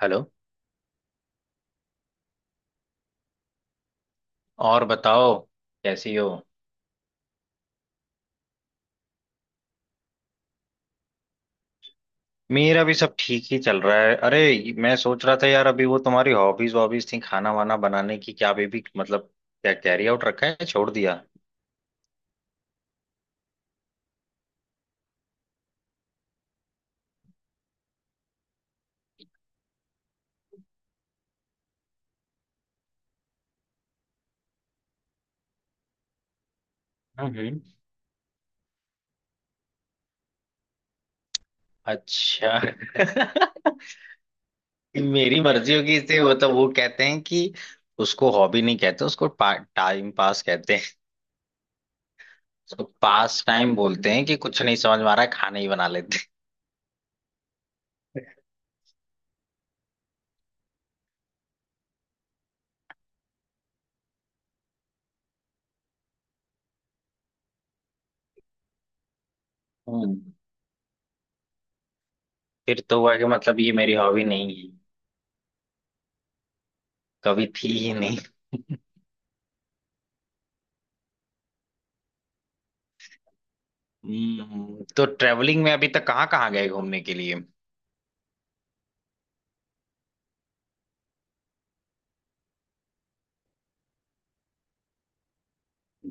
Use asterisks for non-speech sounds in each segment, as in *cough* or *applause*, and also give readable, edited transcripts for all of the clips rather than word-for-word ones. Hello. और बताओ, कैसी हो? मेरा भी सब ठीक ही चल रहा है। अरे, मैं सोच रहा था यार, अभी वो तुम्हारी हॉबीज वॉबीज थी खाना वाना बनाने की, क्या अभी भी मतलब क्या कैरी आउट रखा है, छोड़ दिया? हम्म। अच्छा। मेरी मर्जी होगी इसे, मतलब वो कहते हैं कि उसको हॉबी नहीं कहते, उसको टाइम पास कहते हैं। तो पास टाइम बोलते हैं कि कुछ नहीं समझ में आ रहा है, खाना ही बना लेते हैं। हम्म। फिर तो हुआ कि मतलब ये मेरी हॉबी नहीं है, कभी थी ही। तो ट्रेवलिंग में अभी तक कहाँ कहाँ गए घूमने के लिए?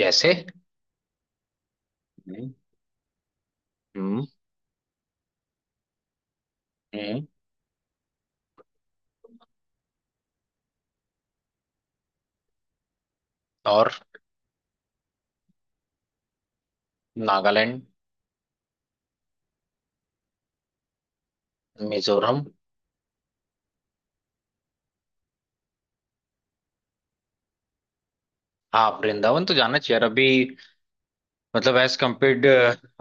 जैसे? हम्म। हम्म। हम्म। और? नागालैंड? मिजोरम? हाँ, वृंदावन तो जाना चाहिए। और अभी मतलब एज कम्पेयर्ड,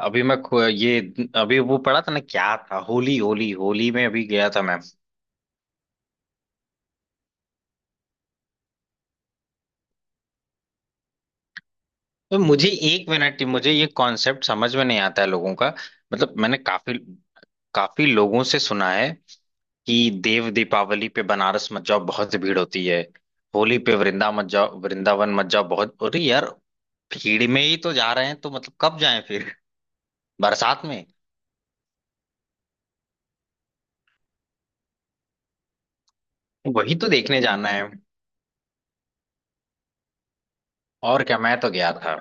अभी मैं ये, अभी वो पढ़ा था ना क्या था, होली होली होली में अभी गया था मैं। तो मुझे एक मिनट, मुझे ये कॉन्सेप्ट समझ में नहीं आता है लोगों का। मतलब मैंने काफी काफी लोगों से सुना है कि देव दीपावली पे बनारस मत जाओ, बहुत भीड़ होती है। होली पे वृंदावन मत जाओ, बहुत अरे यार, भीड़ में ही तो जा रहे हैं, तो मतलब कब जाएं फिर, बरसात में? वही तो देखने जाना है। और क्या, मैं तो गया था।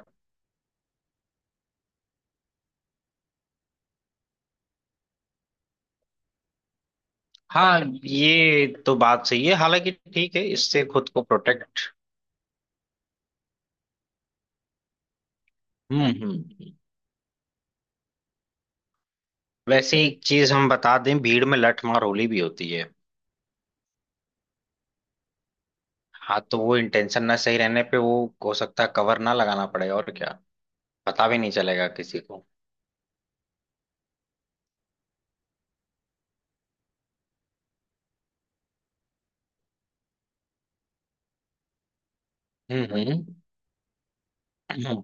हाँ, ये तो बात सही है। हालांकि ठीक है, इससे खुद को प्रोटेक्ट। हम्म। हम्म। हम्म। वैसे एक चीज हम बता दें, भीड़ में लठमार होली भी होती है। हाँ, तो वो इंटेंशन ना सही रहने पे वो हो सकता है कवर ना लगाना पड़े, और क्या पता भी नहीं चलेगा किसी को। हम्म। हम्म। हम्म।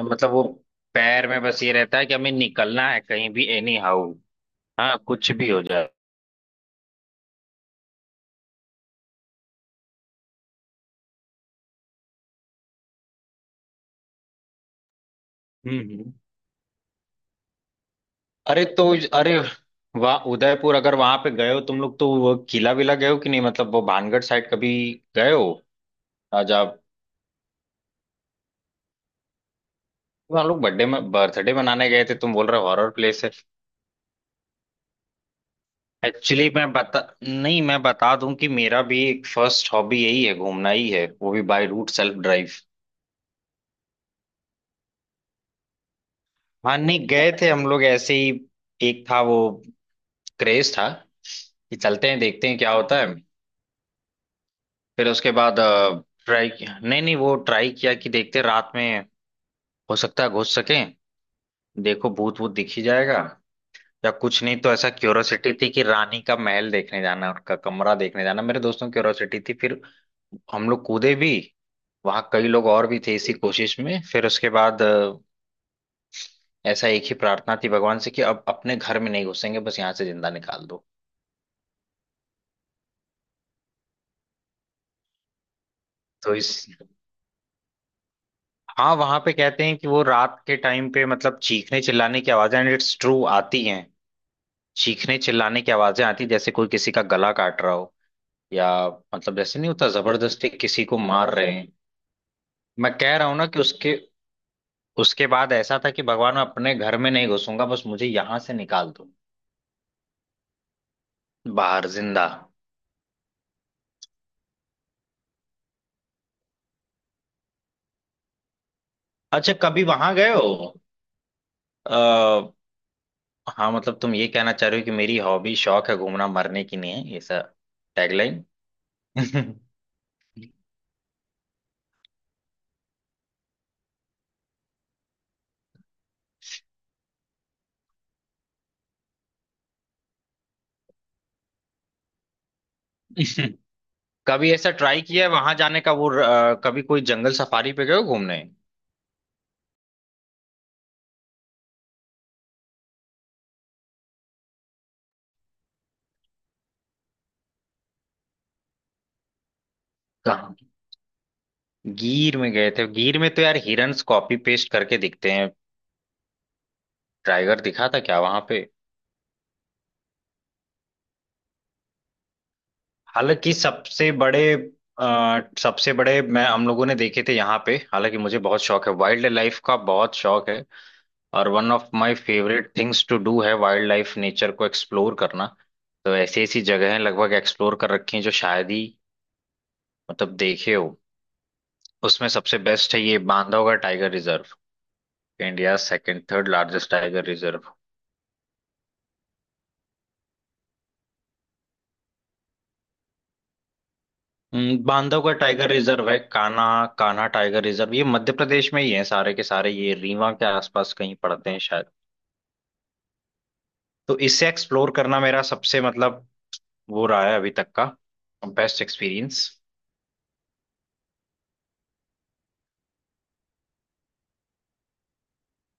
मतलब वो पैर में बस ये रहता है कि हमें निकलना है कहीं भी एनी हाउ। हाँ, कुछ भी हो जाए। हम्म। हम्म। अरे तो अरे वाह, उदयपुर अगर वहां पे गए हो तुम लोग, तो वो किला विला गए हो कि नहीं? मतलब वो भानगढ़ साइड कभी गए हो? राजा, हम लोग बर्थडे में बर्थडे मनाने गए थे, तुम बोल रहे हो हॉरर प्लेस है। एक्चुअली मैं बता नहीं, मैं बता दूं कि मेरा भी एक फर्स्ट हॉबी यही है, घूमना ही है, वो भी बाय रूट सेल्फ ड्राइव। हाँ, नहीं गए थे हम लोग ऐसे ही, एक था वो क्रेज था कि चलते हैं देखते हैं क्या होता है। फिर उसके बाद ट्राई किया, नहीं नहीं, वो ट्राई किया कि देखते हैं रात में हो सकता है घुस सके, देखो भूत भूत दिख ही जाएगा या कुछ नहीं, तो ऐसा क्यूरोसिटी थी कि रानी का महल देखने जाना है, उनका कमरा देखने जाना, मेरे दोस्तों की क्यूरोसिटी थी। फिर हम लोग कूदे भी, वहां कई लोग और भी थे इसी कोशिश में। फिर उसके बाद ऐसा एक ही प्रार्थना थी भगवान से कि अब अपने घर में नहीं घुसेंगे, बस यहाँ से जिंदा निकाल दो। तो इस हाँ, वहां पे कहते हैं कि वो रात के टाइम पे मतलब चीखने चिल्लाने की आवाजें, एंड इट्स ट्रू, आती हैं। चीखने चिल्लाने की आवाजें आती हैं, जैसे कोई किसी का गला काट रहा हो, या मतलब जैसे नहीं होता, जबरदस्ती किसी को मार रहे हैं। मैं कह रहा हूं ना कि उसके उसके बाद ऐसा था कि भगवान, मैं अपने घर में नहीं घुसूंगा, बस मुझे यहाँ से निकाल दो बाहर जिंदा। अच्छा, कभी वहां गए हो? आ, हाँ, मतलब तुम ये कहना चाह रहे हो कि मेरी हॉबी शौक है घूमना, मरने की नहीं है, ऐसा टैगलाइन। *laughs* कभी ऐसा ट्राई किया है वहां जाने का, वो कभी कोई जंगल सफारी पे गए हो घूमने? कहाँ? गिर में गए थे? गिर में तो यार हिरन्स कॉपी पेस्ट करके दिखते हैं। टाइगर दिखा था क्या वहां पे? हालांकि सबसे बड़े, सबसे बड़े मैं हम लोगों ने देखे थे यहाँ पे। हालांकि मुझे बहुत शौक है वाइल्ड लाइफ का, बहुत शौक है, और one of my favourite things to do है वाइल्ड लाइफ नेचर को एक्सप्लोर करना। तो ऐसी ऐसी जगहें लगभग एक्सप्लोर कर रखी हैं जो शायद ही, मतलब देखे हो। उसमें सबसे बेस्ट है ये Bandhavgarh tiger reserve, India second third largest tiger reserve. Bandhavgarh tiger reserve है, कान्हा कान्हा टाइगर रिजर्व, ये मध्य प्रदेश में ही है सारे के सारे, ये रीवा के आसपास कहीं पड़ते हैं शायद। तो इसे एक्सप्लोर करना मेरा सबसे, मतलब, वो रहा है अभी तक का बेस्ट एक्सपीरियंस।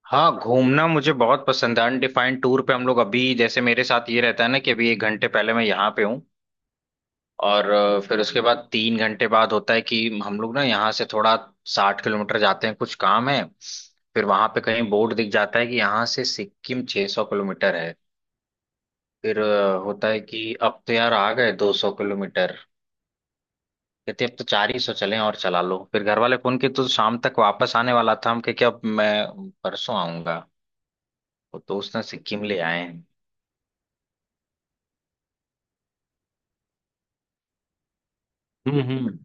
हाँ, घूमना मुझे बहुत पसंद है, अनडिफाइंड टूर पे हम लोग। अभी जैसे मेरे साथ ये रहता है ना कि अभी 1 घंटे पहले मैं यहाँ पे हूँ, और फिर उसके बाद 3 घंटे बाद होता है कि हम लोग ना यहाँ से थोड़ा 60 किलोमीटर जाते हैं, कुछ काम है। फिर वहां पे कहीं बोर्ड दिख जाता है कि यहाँ से सिक्किम 600 किलोमीटर है। फिर होता है कि अब तो यार आ गए 200 किलोमीटर, कहते अब तो चार ही सौ चले, और चला लो। फिर घर वाले फोन किए तो शाम तक वापस आने वाला था, हम कहे कि अब मैं परसों आऊंगा। तो दोस्त ने सिक्किम ले आए हैं। हम्म। हम्म।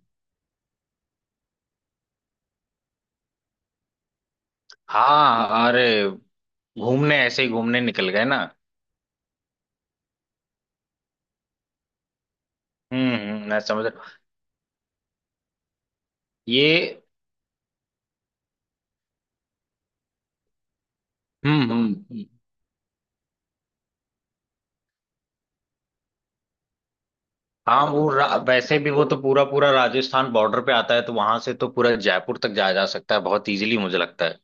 हाँ, अरे, घूमने ऐसे ही घूमने निकल गए ना। हम्म। हम्म। मैं समझ रहा हूँ। ये हम्म। हम्म। हम्म। हाँ, वो वैसे भी वो तो पूरा पूरा राजस्थान बॉर्डर पे आता है, तो वहां से तो पूरा जयपुर तक जाया जा सकता है बहुत इजीली, मुझे लगता है।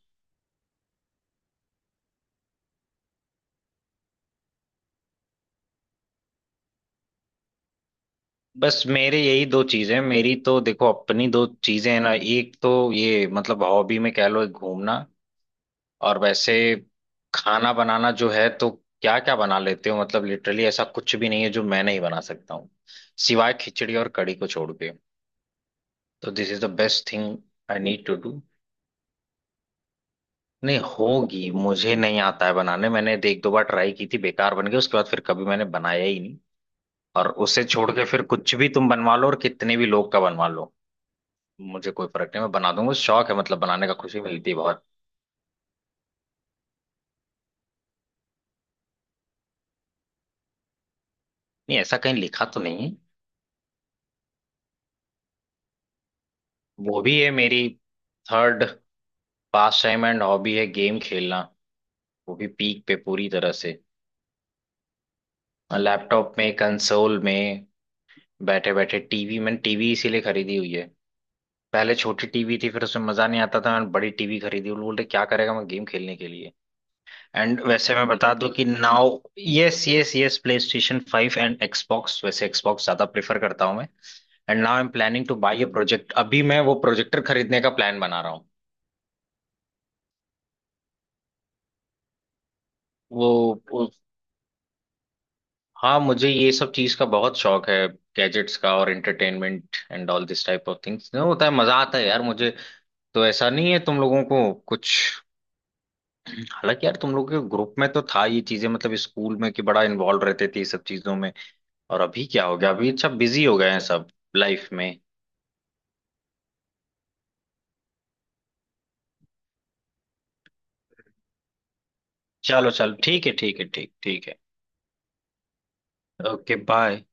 बस मेरे यही दो चीजें हैं, मेरी तो देखो अपनी दो चीजें हैं ना, एक तो ये मतलब हॉबी में कह लो घूमना, और वैसे खाना बनाना जो है तो। क्या क्या बना लेते हो? मतलब लिटरली ऐसा कुछ भी नहीं है जो मैं नहीं बना सकता हूँ, सिवाय खिचड़ी और कढ़ी को छोड़ के, तो this is the best thing I need to do. नहीं होगी, मुझे नहीं आता है बनाने, मैंने एक दो बार ट्राई की थी, बेकार बन गई, उसके बाद फिर कभी मैंने बनाया ही नहीं। और उसे छोड़ के फिर कुछ भी तुम बनवा लो, और कितने भी लोग का बनवा लो, मुझे कोई फर्क नहीं, मैं बना दूंगा, शौक है मतलब बनाने का, खुशी मिलती है बहुत। नहीं, ऐसा कहीं लिखा तो नहीं है। वो भी है मेरी third pastime and hobby है गेम खेलना, वो भी पीक पे पूरी तरह से। लैपटॉप में, कंसोल में, बैठे बैठे टीवी, मैंने टीवी इसीलिए खरीदी हुई है। पहले छोटी टीवी थी, फिर उसमें मजा नहीं आता था, मैंने बड़ी टीवी खरीदी, वो लोग बोलते क्या करेगा, मैं गेम खेलने के लिए। एंड वैसे मैं बता दूं कि now, yes yes yes, PlayStation 5 and Xbox, वैसे एक्सबॉक्स ज्यादा प्रेफर करता हूँ मैं। And now I am planning to buy a project, अभी मैं वो प्रोजेक्टर खरीदने का प्लान बना रहा हूँ। वो, वो हाँ, मुझे ये सब चीज का बहुत शौक है, गैजेट्स का, और entertainment and all this type of things, होता है मजा, आता है यार मुझे। तो ऐसा नहीं है तुम लोगों को कुछ? हालांकि यार तुम लोग के ग्रुप में तो था ये चीजें, मतलब स्कूल में, कि बड़ा इन्वॉल्व रहते थे ये सब चीजों में। और अभी क्या हो गया, अभी सब बिजी हो गए हैं सब लाइफ में। चलो चलो ठीक है, ठीक है, ठीक ठीक है। Okay bye.